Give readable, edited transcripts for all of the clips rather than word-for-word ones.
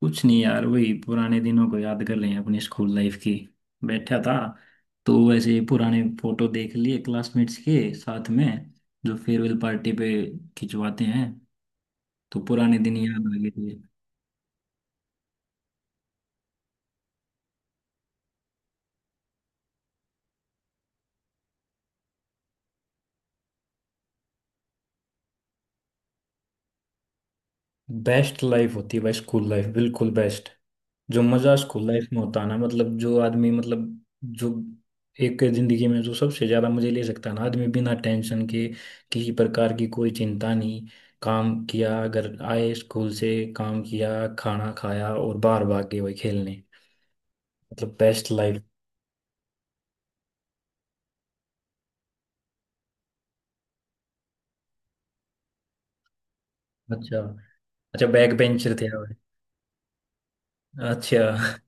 कुछ नहीं यार, वही पुराने दिनों को याद कर रहे हैं अपनी स्कूल लाइफ की। बैठा था तो वैसे पुराने फोटो देख लिए क्लासमेट्स के साथ में, जो फेयरवेल पार्टी पे खिंचवाते हैं। तो पुराने दिन याद आ गए थे। बेस्ट लाइफ होती है भाई स्कूल लाइफ, बिल्कुल बेस्ट। जो मजा स्कूल लाइफ में होता है ना, मतलब जो आदमी मतलब जो एक जिंदगी में जो सबसे ज्यादा मजे ले सकता है ना आदमी, बिना टेंशन के, किसी प्रकार की कोई चिंता नहीं। काम किया, अगर आए स्कूल से काम किया, खाना खाया और बाहर भाग गए वही खेलने। मतलब बेस्ट लाइफ। अच्छा। अच्छा, बैक बेंचर थे आप। अच्छा।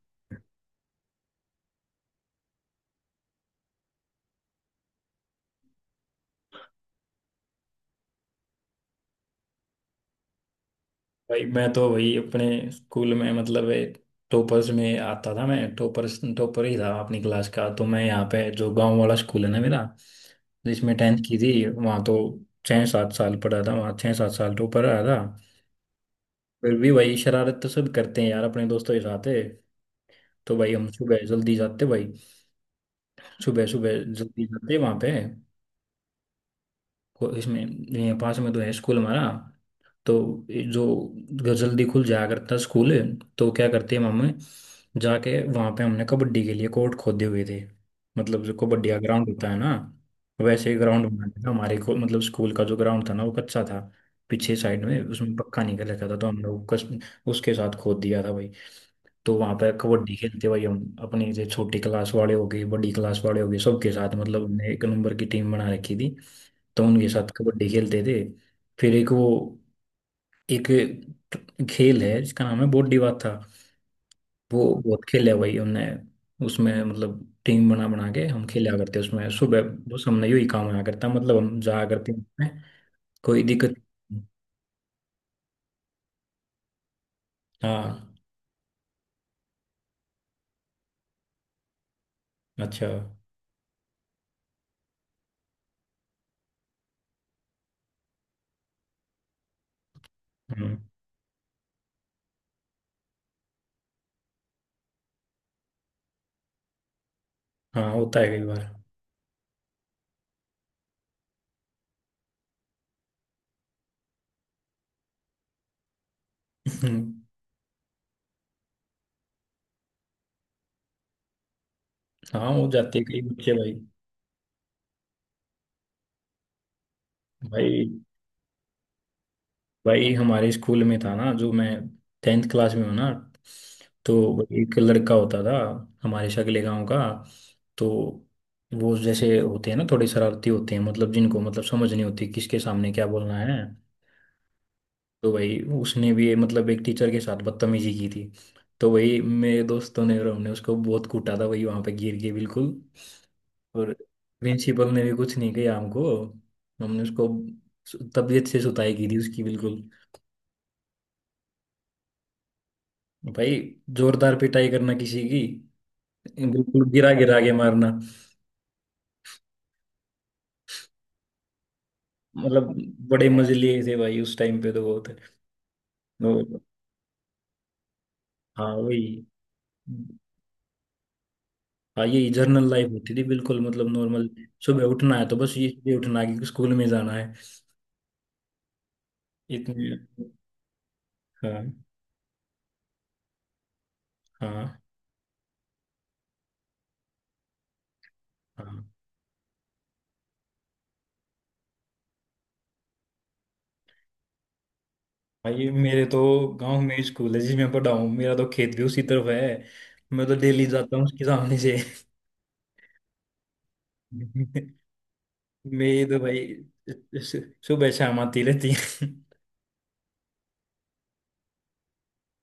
भाई मैं तो वही अपने स्कूल में मतलब टॉपर्स में आता था, मैं टॉपर्स टॉपर ही था अपनी क्लास का। तो मैं यहाँ पे जो गांव वाला स्कूल है ना मेरा, जिसमें टेंथ की थी वहाँ तो 6-7 साल पढ़ा था। वहाँ 6-7 साल टॉपर रहा था। फिर भी भाई शरारत तो सब करते हैं यार अपने दोस्तों के साथ है। तो भाई हम सुबह जल्दी जाते भाई, सुबह सुबह जल्दी जाते वहाँ पे। इसमें ये पास में तो है स्कूल हमारा। तो ये जो जल्दी खुल जाया करता स्कूल। तो क्या करते हैं मम्मी, जाके वहाँ पे हमने कबड्डी के लिए कोर्ट खोदे हुए थे। मतलब जो कबड्डी का ग्राउंड होता है ना, वैसे ही ग्राउंड बना था हमारे को। मतलब स्कूल का जो ग्राउंड था ना वो कच्चा था, पीछे साइड में उसमें पक्का नहीं कर रखा था। तो हम लोग कस, उसके साथ खोद दिया था भाई। तो वहां पर कबड्डी खेलते भाई। हम अपने से छोटी क्लास वाले हो गए, बड़ी क्लास वाले हो गए, सबके साथ, मतलब हमने एक नंबर की टीम बना रखी थी। तो उनके साथ कबड्डी खेलते थे। फिर एक वो, एक खेल है जिसका नाम है बॉडी बाथा। वो बहुत खेला है भाई हमने। उसमें मतलब टीम बना बना के हम खेला करते उसमें सुबह। बस हमने यही काम आया करता, मतलब हम जाया करते उसमें, कोई दिक्कत। हाँ। अच्छा। हम्म। हाँ होता है कई बार। हाँ, हो जाती है कई बच्चे भाई। भाई, भाई हमारे स्कूल में था ना, जो मैं टेंथ क्लास में हूँ ना, तो वो एक लड़का होता था हमारे शगले गांव का। तो वो जैसे होते हैं ना थोड़े शरारती होते हैं, मतलब जिनको मतलब समझ नहीं होती किसके सामने क्या बोलना है। तो भाई उसने भी मतलब एक टीचर के साथ बदतमीजी की थी। तो वही मेरे दोस्तों ने और हमने उसको बहुत कूटा था, वही वहां पे गिर के, बिल्कुल। और प्रिंसिपल ने भी कुछ नहीं किया हमको। हमने उसको तबीयत से सुताई की थी उसकी, बिल्कुल। भाई, जोरदार पिटाई करना किसी की, बिल्कुल गिरा गिरा के मारना। मतलब बड़े मजे लिए थे भाई उस टाइम पे, तो बहुत। तो, हाँ वही। हाँ, यही जर्नल लाइफ होती थी, बिल्कुल, मतलब नॉर्मल। सुबह उठना है तो बस ये उठना है कि स्कूल में जाना है। इतने। हाँ। हाँ। हाँ, भाई मेरे तो गांव में ही स्कूल है जिसमें पढ़ा हूँ, मेरा तो खेत भी उसी तरफ है। मैं तो डेली जाता हूँ उसके सामने से। मेरी तो भाई सुबह शाम आती रहती है।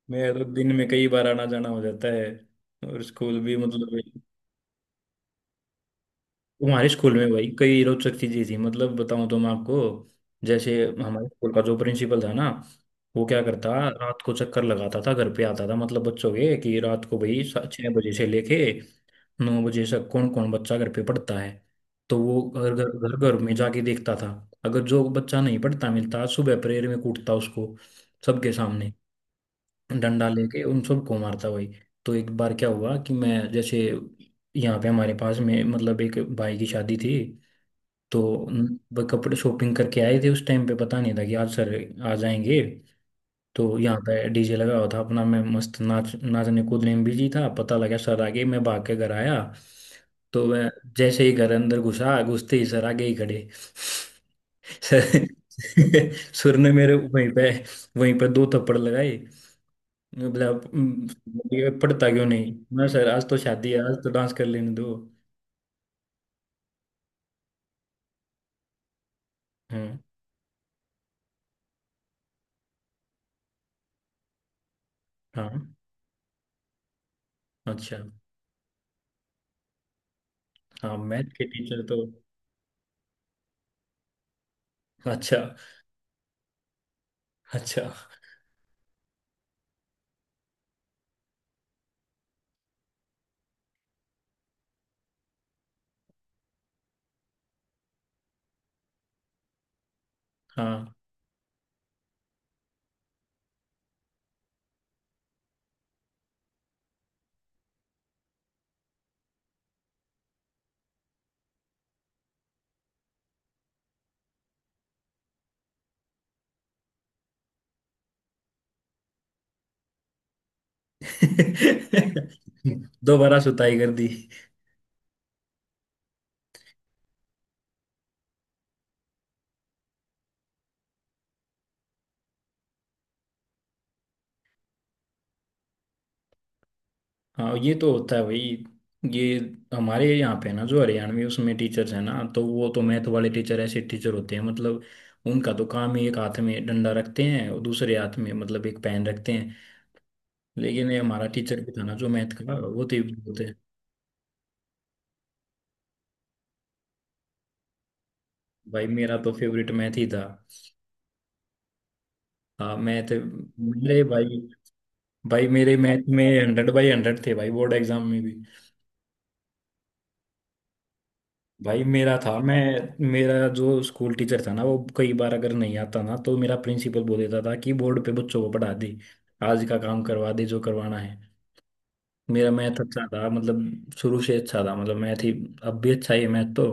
मेरा तो दिन में कई बार आना जाना हो जाता है। और स्कूल भी मतलब, हमारे स्कूल में भाई कई रोचक चीजें थी, मतलब बताऊं तो मैं आपको। जैसे हमारे स्कूल का जो प्रिंसिपल था ना, वो क्या करता, रात को चक्कर लगाता था, घर पे आता था, मतलब बच्चों के, कि रात को भाई 6 बजे से लेके 9 बजे तक कौन कौन बच्चा घर पे पढ़ता है। तो वो घर घर घर घर में जाके देखता था। अगर जो बच्चा नहीं पढ़ता मिलता, सुबह प्रेयर में कूटता उसको, सबके सामने डंडा लेके उन सबको मारता भाई। तो एक बार क्या हुआ कि मैं जैसे, यहाँ पे हमारे पास में मतलब एक भाई की शादी थी। तो वो कपड़े शॉपिंग करके आए थे। उस टाइम पे पता नहीं था कि आज सर आ जाएंगे। तो यहाँ पे डीजे लगा हुआ था अपना, मैं मस्त नाच नाचने कूदने में बिजी था। पता लगा सर आ गए, मैं भाग के घर आया। तो मैं जैसे ही घर अंदर घुसा, घुसते ही सर आगे ही खड़े। सर। सुर ने मेरे वहीं पे, वहीं पे 2 थप्पड़ लगाए। मतलब ये पढ़ता क्यों नहीं। मैं, सर आज तो शादी है, आज तो डांस कर लेने दो। हम्म। हाँ। अच्छा। हाँ, मैथ के टीचर तो अच्छा अच्छा। हाँ। दोबारा सुताई कर दी। हाँ ये तो होता है भाई। ये हमारे यहाँ पे ना जो हरियाणवी, उसमें टीचर्स हैं ना, तो वो तो मैथ वाले टीचर ऐसे टीचर होते हैं मतलब, उनका तो काम ही एक हाथ में डंडा रखते हैं और दूसरे हाथ में मतलब एक पेन रखते हैं। लेकिन ये हमारा टीचर भी था ना जो मैथ का, वो तो। भाई मेरा तो फेवरेट मैथ ही था। हाँ, मैथ। मेरे भाई, भाई मेरे मैथ में 100/100 थे भाई, बोर्ड एग्जाम में भी। भाई मेरा था। मैं, मेरा जो स्कूल टीचर था ना, वो कई बार अगर नहीं आता ना, तो मेरा प्रिंसिपल बोल देता था कि बोर्ड पे बच्चों को पढ़ा दे, आज का काम करवा दे जो करवाना है। मेरा मैथ अच्छा था, मतलब शुरू से अच्छा था, मतलब मैथ ही अब भी अच्छा ही है, मैथ तो।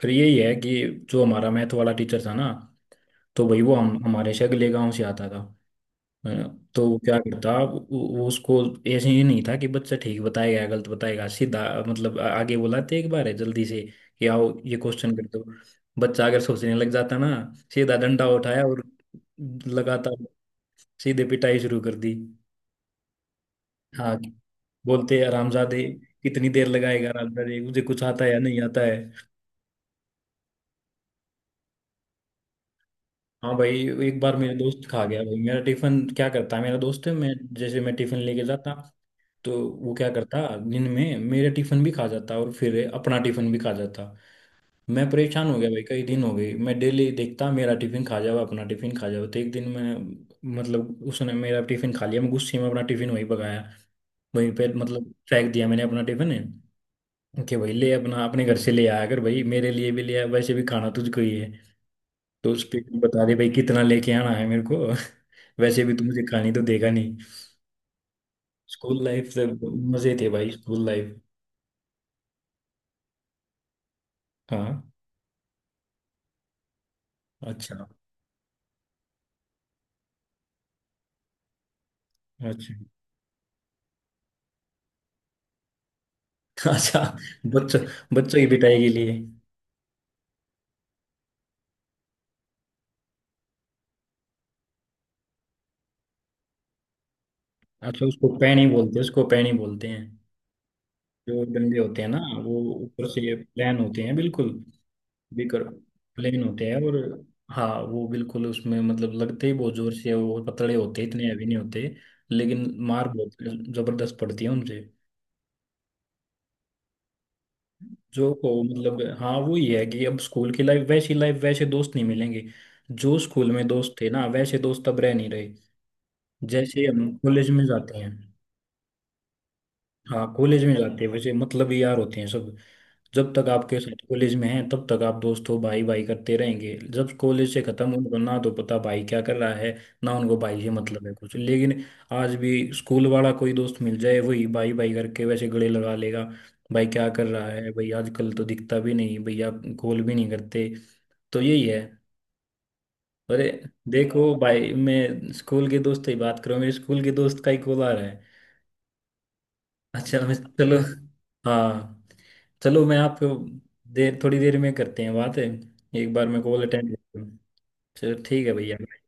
फिर यही है कि जो हमारा मैथ वाला टीचर था ना, तो भाई वो हम हमारे से अगले गाँव से आता था। हाँ, तो वो क्या करता। वो उसको, ऐसे ही नहीं था कि बच्चा ठीक बताएगा या गलत बताएगा सीधा। मतलब आगे बुलाते एक बार है जल्दी से कि आओ ये क्वेश्चन कर दो। बच्चा अगर सोचने लग जाता ना, सीधा डंडा उठाया और लगातार सीधे पिटाई शुरू कर दी। हाँ, बोलते हैं, हरामजादे कितनी देर लगाएगा, हरामजादे मुझे कुछ आता है या नहीं आता है। हाँ भाई, एक बार मेरे दोस्त खा गया भाई मेरा टिफिन। क्या करता है मेरा दोस्त है, मैं जैसे मैं टिफिन लेके जाता, तो वो क्या करता, दिन में मेरे टिफिन भी खा जाता और फिर अपना टिफिन भी खा जाता। मैं परेशान हो गया भाई कई दिन हो गए, मैं डेली देखता मेरा टिफिन खा जाओ अपना टिफिन खा जाओ। तो एक दिन मैं, मतलब उसने मेरा टिफिन खा लिया, मैं गुस्से में अपना टिफिन वहीं पकाया, वहीं पे मतलब फेंक दिया मैंने अपना टिफिन। कि भाई ले, अपना अपने घर से ले आया कर भाई, मेरे लिए भी ले आया, वैसे भी खाना तुझको ही है। तो उस पे बता दे भाई कितना लेके आना है मेरे को। वैसे भी तू मुझे खानी तो देगा नहीं। स्कूल लाइफ से मजे थे भाई, स्कूल लाइफ। हाँ। अच्छा। अच्छा। अच्छा, बच्चों, बच्चों की पिटाई के लिए। अच्छा, उसको पैनी बोलते हैं, उसको पैनी बोलते हैं। जो डंडे होते हैं ना, वो ऊपर से प्लेन होते हैं, बिल्कुल। बिकर प्लेन होते हैं, और। हाँ, वो बिल्कुल उसमें मतलब लगते ही बहुत जोर से है, वो पतले होते हैं, इतने हैवी नहीं होते। लेकिन मार बहुत जबरदस्त पड़ती है उनसे। जो को मतलब, हाँ वो ये है कि अब स्कूल की लाइफ, वैसी लाइफ वैसे दोस्त नहीं मिलेंगे। जो स्कूल में दोस्त थे ना, वैसे दोस्त अब रह नहीं रहे। जैसे हम कॉलेज में जाते हैं। हाँ, कॉलेज में जाते हैं वैसे मतलबी यार होते हैं सब। जब तक आपके साथ कॉलेज में हैं, तब तक आप दोस्त हो, भाई भाई करते रहेंगे। जब कॉलेज से खत्म, उनको ना तो पता भाई क्या कर रहा है, ना उनको भाई से मतलब है कुछ। लेकिन आज भी स्कूल वाला कोई दोस्त मिल जाए, वही भाई भाई करके वैसे गले लगा लेगा। भाई क्या कर रहा है भाई, आजकल तो दिखता भी नहीं भैया, कॉल भी नहीं करते। तो यही है। अरे, देखो भाई, मैं स्कूल के दोस्त की बात करूँ, मेरे स्कूल के दोस्त का ही कॉल आ रहा है। अच्छा मैं चलो, हाँ, चलो मैं आपको देर, थोड़ी देर में करते हैं बात है। एक बार मैं कॉल अटेंड। चलो ठीक है भैया।